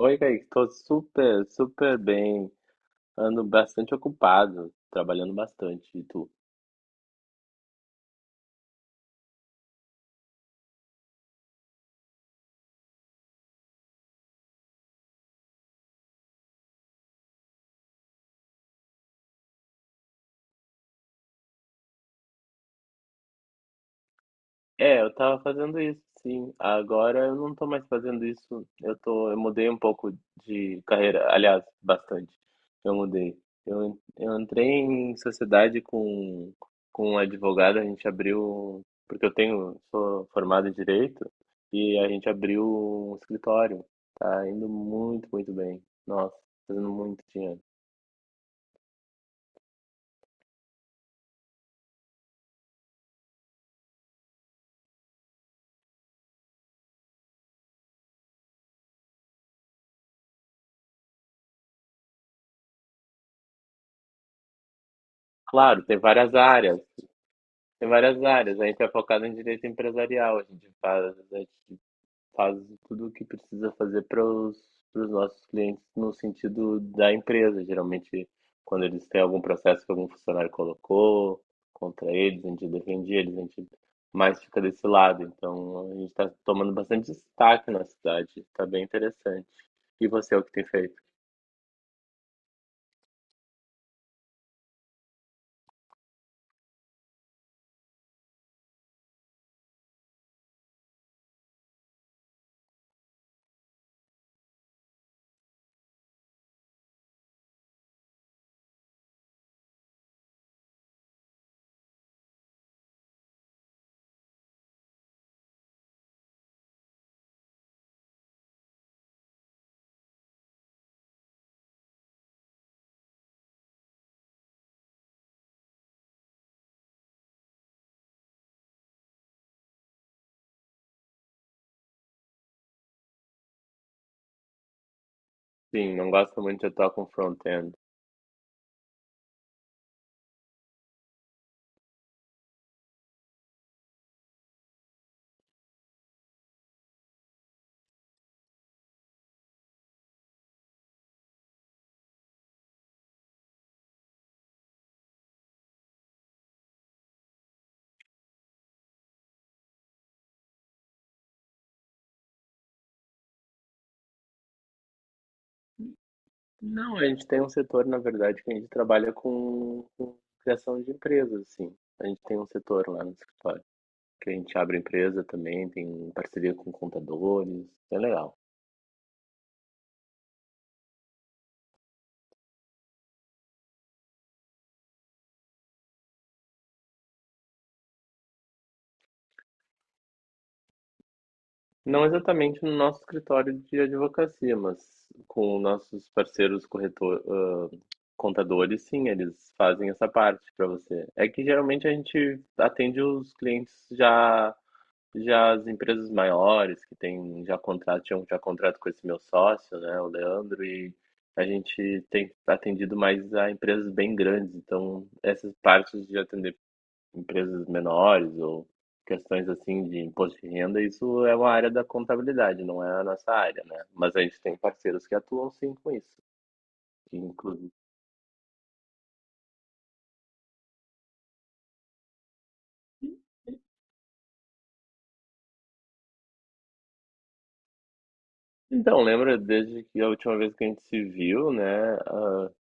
Oi, Kaique, estou super, super bem. Ando bastante ocupado, trabalhando bastante. E tu? É, eu tava fazendo isso, sim. Agora eu não tô mais fazendo isso. Eu mudei um pouco de carreira, aliás, bastante. Eu mudei. Eu entrei em sociedade com um advogado, a gente abriu, porque eu tenho, sou formado em direito, e a gente abriu um escritório. Tá indo muito, muito bem. Nossa, fazendo muito dinheiro. Claro, tem várias áreas. Tem várias áreas. A gente é focado em direito empresarial. A gente faz tudo o que precisa fazer para os nossos clientes no sentido da empresa. Geralmente, quando eles têm algum processo que algum funcionário colocou contra eles, a gente defende eles, a gente mais fica desse lado. Então, a gente está tomando bastante destaque na cidade. Está bem interessante. E você, o que tem feito? Sim, não gosto muito de atuar com front-end. Não, a gente tem um setor, na verdade, que a gente trabalha com criação de empresas, assim. A gente tem um setor lá no escritório, que a gente abre empresa também, tem parceria com contadores, é legal. Não exatamente no nosso escritório de advocacia, mas com nossos parceiros corretor, contadores, sim, eles fazem essa parte para você. É que geralmente a gente atende os clientes já. Já as empresas maiores que tinham já contrato com esse meu sócio, né, o Leandro, e a gente tem atendido mais a empresas bem grandes. Então, essas partes de atender empresas menores ou questões assim de imposto de renda, isso é uma área da contabilidade, não é a nossa área, né? Mas a gente tem parceiros que atuam sim com isso, inclusive. Então, lembra desde que a última vez que a gente se viu, né?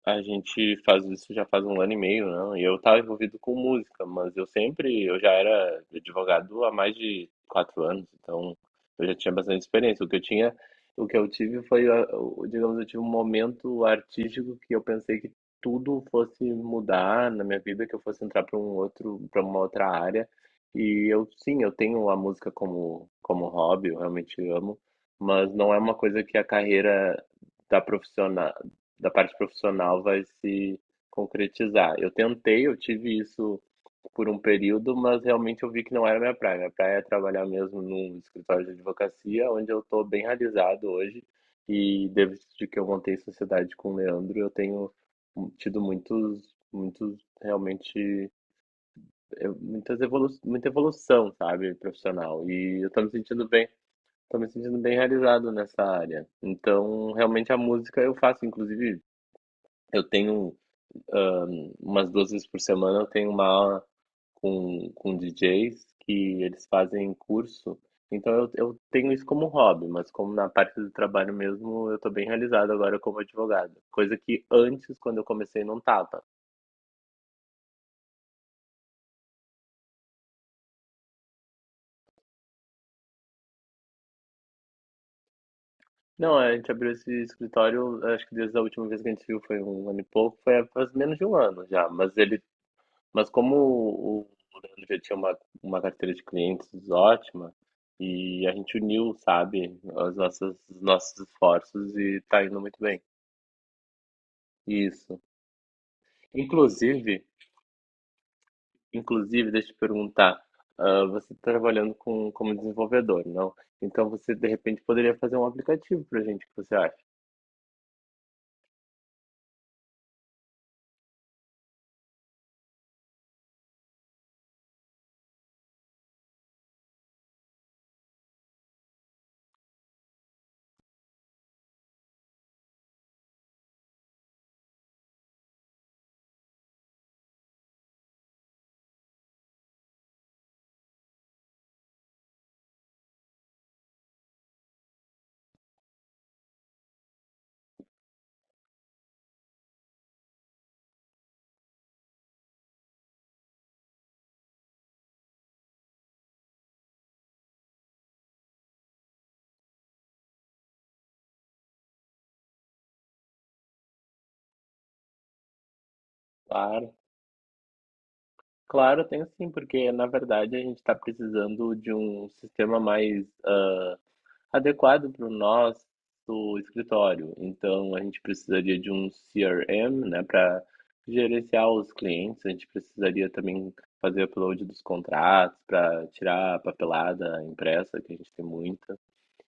A gente faz isso já faz um ano e meio, não? E eu estava envolvido com música, mas eu já era advogado há mais de 4 anos, então eu já tinha bastante experiência. O que eu tive foi, digamos, eu tive um momento artístico que eu pensei que tudo fosse mudar na minha vida, que eu fosse entrar para uma outra área. E eu, sim, eu tenho a música como hobby, eu realmente amo, mas não é uma coisa que a carreira da profissional, da parte profissional vai se concretizar. Eu tentei, eu tive isso por um período, mas realmente eu vi que não era minha praia. Minha praia é trabalhar mesmo num escritório de advocacia, onde eu estou bem realizado hoje. E desde que eu montei sociedade com o Leandro, eu tenho tido muitos, muitos realmente eu- muitas evolu muita evolução, sabe, profissional. E eu estou me sentindo bem. Tô me sentindo bem realizado nessa área. Então, realmente a música eu faço, inclusive, eu tenho ah, umas 2 vezes por semana eu tenho uma aula com DJs que eles fazem curso. Então eu tenho isso como hobby, mas como na parte do trabalho mesmo, eu tô bem realizado agora como advogado. Coisa que antes, quando eu comecei, não tava. Não, a gente abriu esse escritório, acho que desde a última vez que a gente viu foi um ano e pouco, foi faz menos de um ano já, mas ele. Mas como o Leandro já tinha uma carteira de clientes ótima, e a gente uniu, sabe, os nossos esforços e tá indo muito bem. Isso. Inclusive, inclusive, deixa eu te perguntar, você está trabalhando com, como desenvolvedor, não? Então você, de repente, poderia fazer um aplicativo pra gente, o que você acha? Claro, claro, eu tenho sim, porque na verdade a gente está precisando de um sistema mais adequado para o nosso escritório. Então, a gente precisaria de um CRM, né, para gerenciar os clientes. A gente precisaria também fazer upload dos contratos para tirar a papelada impressa, que a gente tem muita.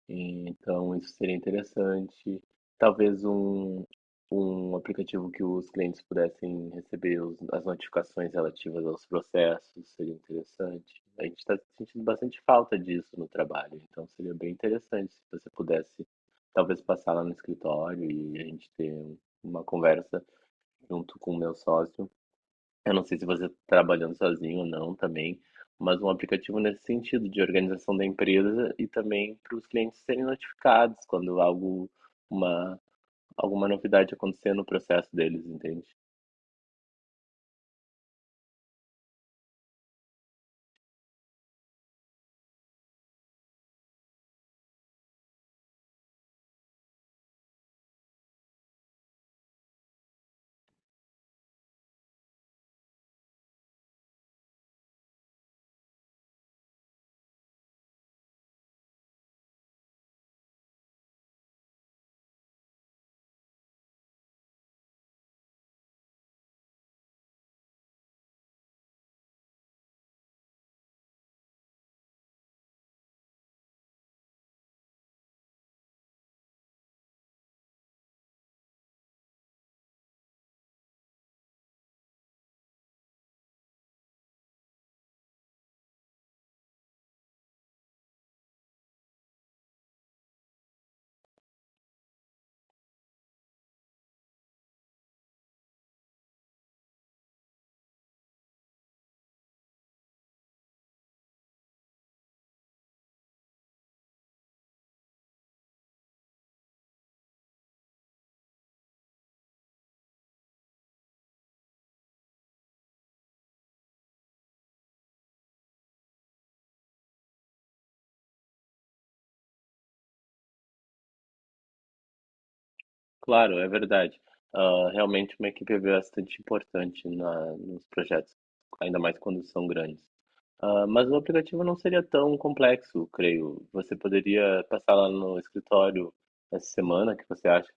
Então isso seria interessante. Talvez um aplicativo que os clientes pudessem receber os as notificações relativas aos processos seria interessante. A gente está sentindo bastante falta disso no trabalho, então seria bem interessante se você pudesse, talvez, passar lá no escritório e a gente ter uma conversa junto com o meu sócio. Eu não sei se você tá trabalhando sozinho ou não também, mas um aplicativo nesse sentido, de organização da empresa e também para os clientes serem notificados quando uma, alguma novidade acontecer no processo deles, entende? Claro, é verdade. Ah, realmente uma equipe é bastante importante nos projetos, ainda mais quando são grandes. Ah, mas o aplicativo não seria tão complexo, creio. Você poderia passar lá no escritório essa semana, que você acha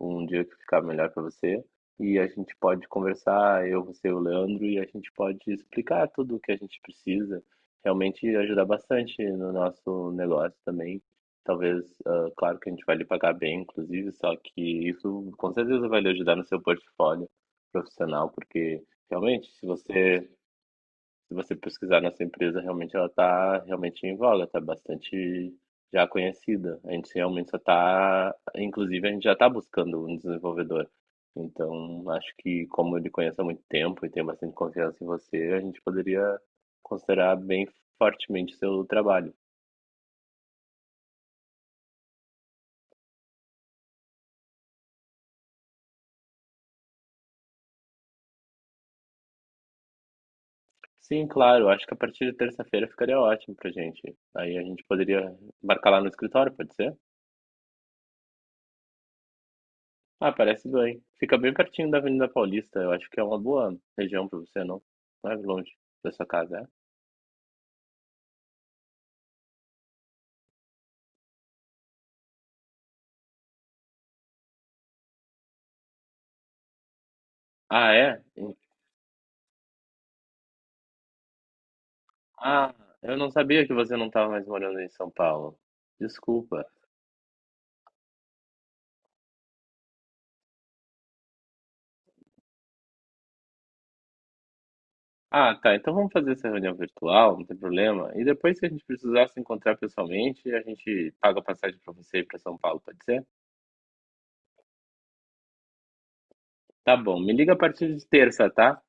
um dia que ficar melhor para você, e a gente pode conversar, eu, você e o Leandro, e a gente pode explicar tudo o que a gente precisa. Realmente ajudar bastante no nosso negócio também. Talvez, claro que a gente vai lhe pagar bem, inclusive, só que isso com certeza vai lhe ajudar no seu portfólio profissional, porque realmente, se você pesquisar nossa empresa, realmente ela está realmente em voga, está bastante já conhecida. A gente realmente só está, inclusive a gente já está buscando um desenvolvedor. Então, acho que como ele conhece há muito tempo e tem bastante confiança em você, a gente poderia considerar bem fortemente seu trabalho. Sim, claro, acho que a partir de terça-feira ficaria ótimo pra gente. Aí a gente poderia marcar lá no escritório, pode ser? Ah, parece bem. Fica bem pertinho da Avenida Paulista. Eu acho que é uma boa região pra você, não? Não é longe da sua casa, é? Ah, é? Ah, eu não sabia que você não estava mais morando em São Paulo. Desculpa. Ah, tá. Então vamos fazer essa reunião virtual, não tem problema. E depois, se a gente precisar se encontrar pessoalmente, a gente paga a passagem pra você ir pra São Paulo, pode ser? Tá bom. Me liga a partir de terça, tá?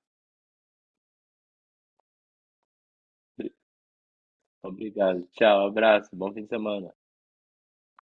Obrigado. Tchau, abraço. Bom fim de semana.